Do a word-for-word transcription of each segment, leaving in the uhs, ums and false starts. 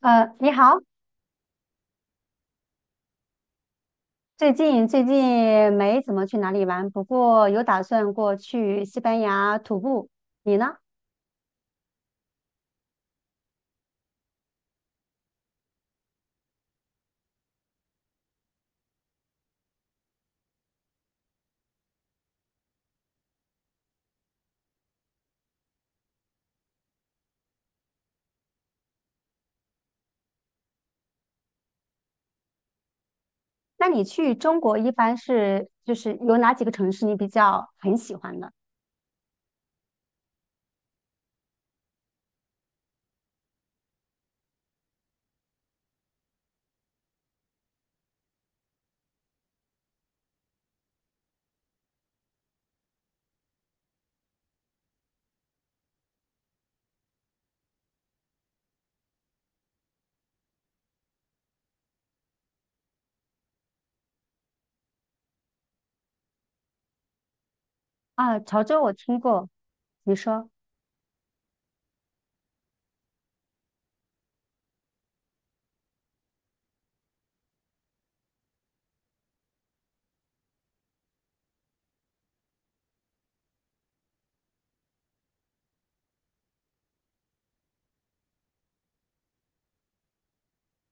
呃，你好，最近最近没怎么去哪里玩，不过有打算过去西班牙徒步。你呢？那你去中国一般是就是有哪几个城市你比较很喜欢的？啊，潮州我听过，你说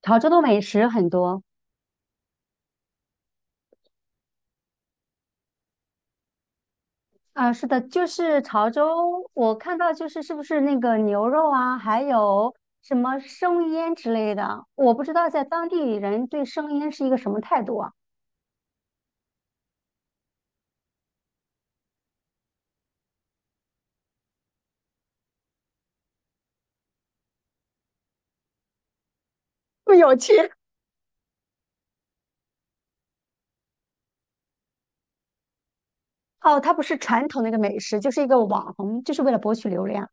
潮州的美食很多。啊，是的，就是潮州，我看到就是是不是那个牛肉啊，还有什么生腌之类的，我不知道在当地人对生腌是一个什么态度啊。不有趣，哦，它不是传统的一个美食，就是一个网红，就是为了博取流量。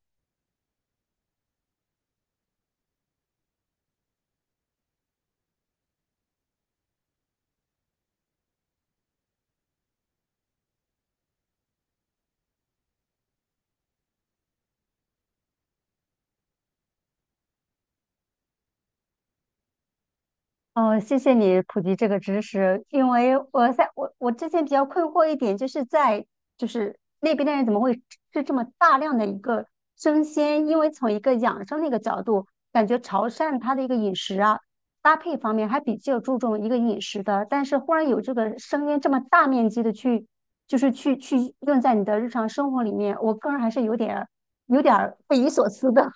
哦，谢谢你普及这个知识，因为我在我我之前比较困惑一点，就是在就是那边的人怎么会吃这么大量的一个生鲜？因为从一个养生的一个角度，感觉潮汕它的一个饮食啊搭配方面还比较注重一个饮食的，但是忽然有这个生鲜这么大面积的去就是去去用在你的日常生活里面，我个人还是有点儿有点儿匪夷所思的。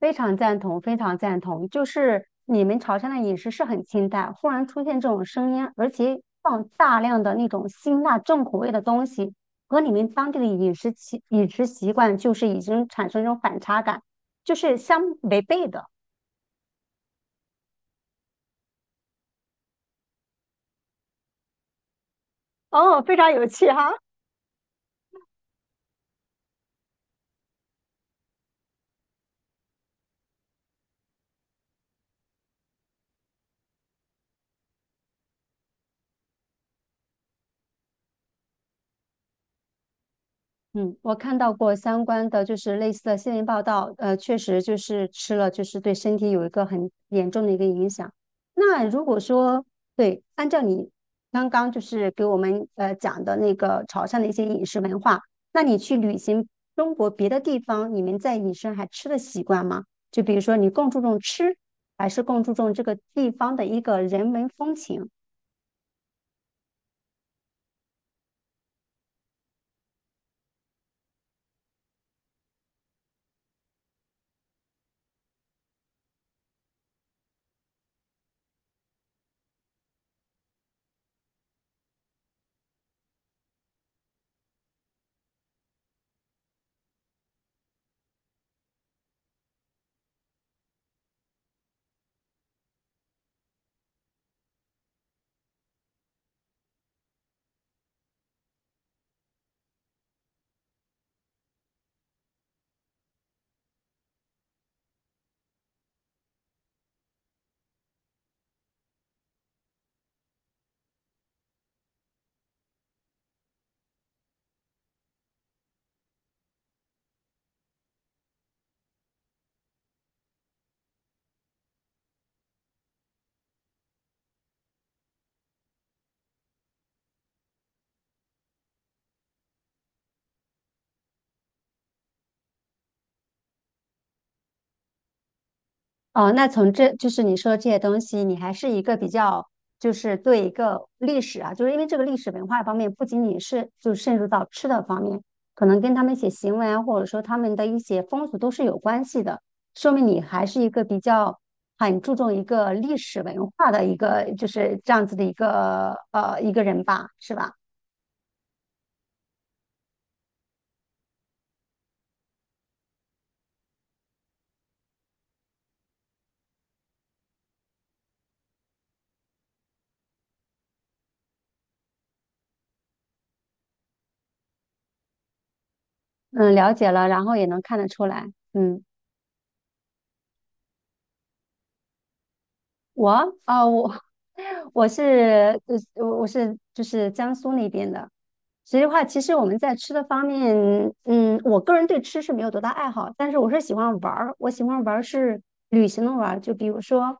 非常赞同，非常赞同。就是你们潮汕的饮食是很清淡，忽然出现这种声音，而且放大量的那种辛辣重口味的东西，和你们当地的饮食习饮食习惯就是已经产生一种反差感，就是相违背的。哦，非常有趣哈。嗯，我看到过相关的，就是类似的新闻报道，呃，确实就是吃了，就是对身体有一个很严重的一个影响。那如果说，对，按照你刚刚就是给我们呃讲的那个潮汕的一些饮食文化，那你去旅行中国别的地方，你们在饮食上还吃的习惯吗？就比如说你更注重吃，还是更注重这个地方的一个人文风情？哦，那从这就是你说这些东西，你还是一个比较，就是对一个历史啊，就是因为这个历史文化方面，不仅仅是就渗入到吃的方面，可能跟他们一些行为啊，或者说他们的一些风俗都是有关系的，说明你还是一个比较很注重一个历史文化的一个就是这样子的一个呃一个人吧，是吧？嗯，了解了，然后也能看得出来，嗯。我啊、我 我是呃我我是就是江苏那边的。所以的话，其实我们在吃的方面，嗯，我个人对吃是没有多大爱好，但是我是喜欢玩儿，我喜欢玩儿是旅行的玩儿。就比如说，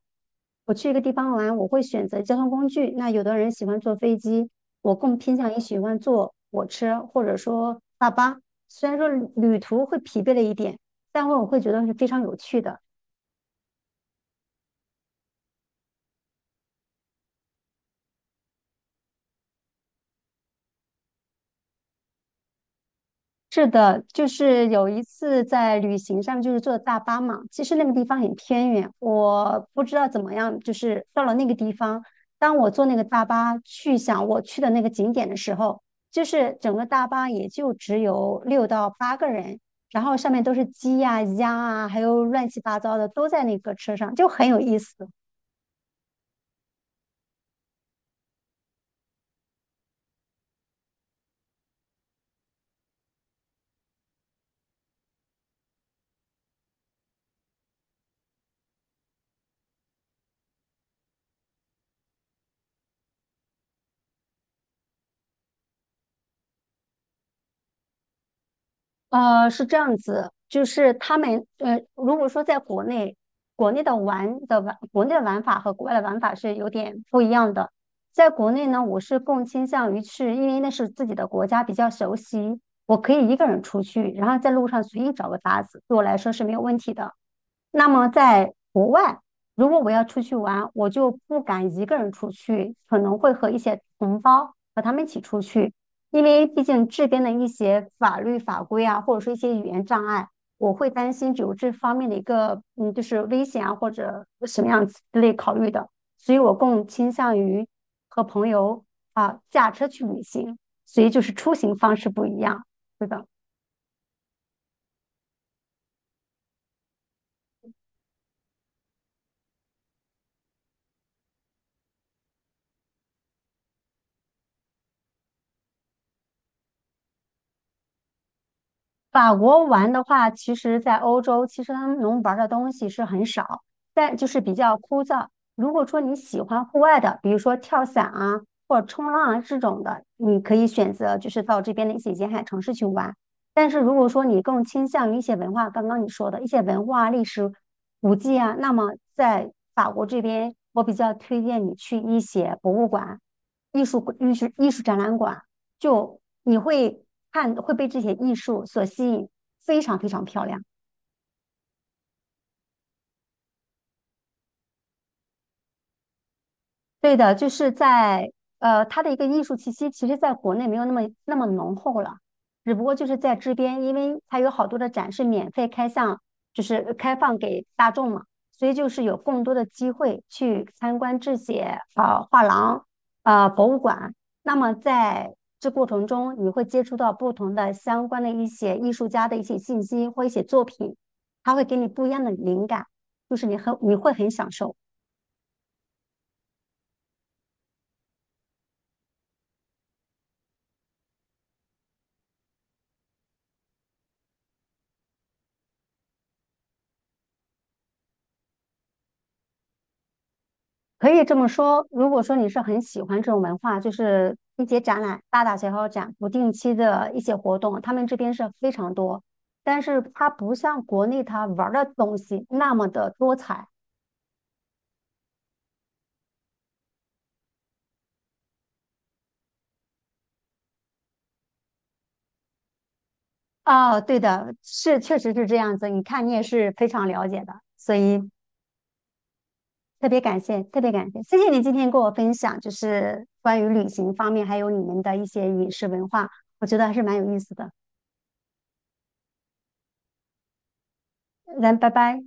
我去一个地方玩，我会选择交通工具。那有的人喜欢坐飞机，我更偏向于喜欢坐火车或者说大巴。虽然说旅途会疲惫了一点，但我会觉得是非常有趣的。是的，就是有一次在旅行上，就是坐大巴嘛。其实那个地方很偏远，我不知道怎么样，就是到了那个地方，当我坐那个大巴去想我去的那个景点的时候，就是整个大巴也就只有六到八个人，然后上面都是鸡呀、鸭啊，还有乱七八糟的都在那个车上，就很有意思。呃，是这样子，就是他们呃，如果说在国内，国内的玩的玩，国内的玩法和国外的玩法是有点不一样的。在国内呢，我是更倾向于去，因为那是自己的国家，比较熟悉，我可以一个人出去，然后在路上随意找个搭子，对我来说是没有问题的。那么在国外，如果我要出去玩，我就不敢一个人出去，可能会和一些同胞和他们一起出去，因为毕竟这边的一些法律法规啊，或者说一些语言障碍，我会担心有这方面的一个嗯，就是危险啊或者什么样子之类考虑的，所以我更倾向于和朋友啊驾车去旅行，所以就是出行方式不一样，是的。法国玩的话，其实，在欧洲，其实他们能玩的东西是很少，但就是比较枯燥。如果说你喜欢户外的，比如说跳伞啊，或者冲浪啊这种的，你可以选择就是到这边的一些沿海城市去玩。但是如果说你更倾向于一些文化，刚刚你说的一些文化、历史古迹啊，那么在法国这边，我比较推荐你去一些博物馆、艺术艺术艺术展览馆。就你会看，会被这些艺术所吸引，非常非常漂亮。对的，就是在呃，它的一个艺术气息，其实在国内没有那么那么浓厚了，只不过就是在这边，因为它有好多的展是免费开向，就是呃开放给大众嘛，所以就是有更多的机会去参观这些呃画廊、呃博物馆。那么在这过程中，你会接触到不同的相关的一些艺术家的一些信息或一些作品，它会给你不一样的灵感，就是你很你会很享受。可以这么说，如果说你是很喜欢这种文化，就是一些展览、大大小小展、不定期的一些活动，他们这边是非常多。但是它不像国内它玩儿的东西那么的多彩哦，对的，是确实是这样子。你看你也是非常了解的，所以特别感谢，特别感谢，谢谢你今天跟我分享，就是关于旅行方面，还有你们的一些饮食文化，我觉得还是蛮有意思的。那拜拜。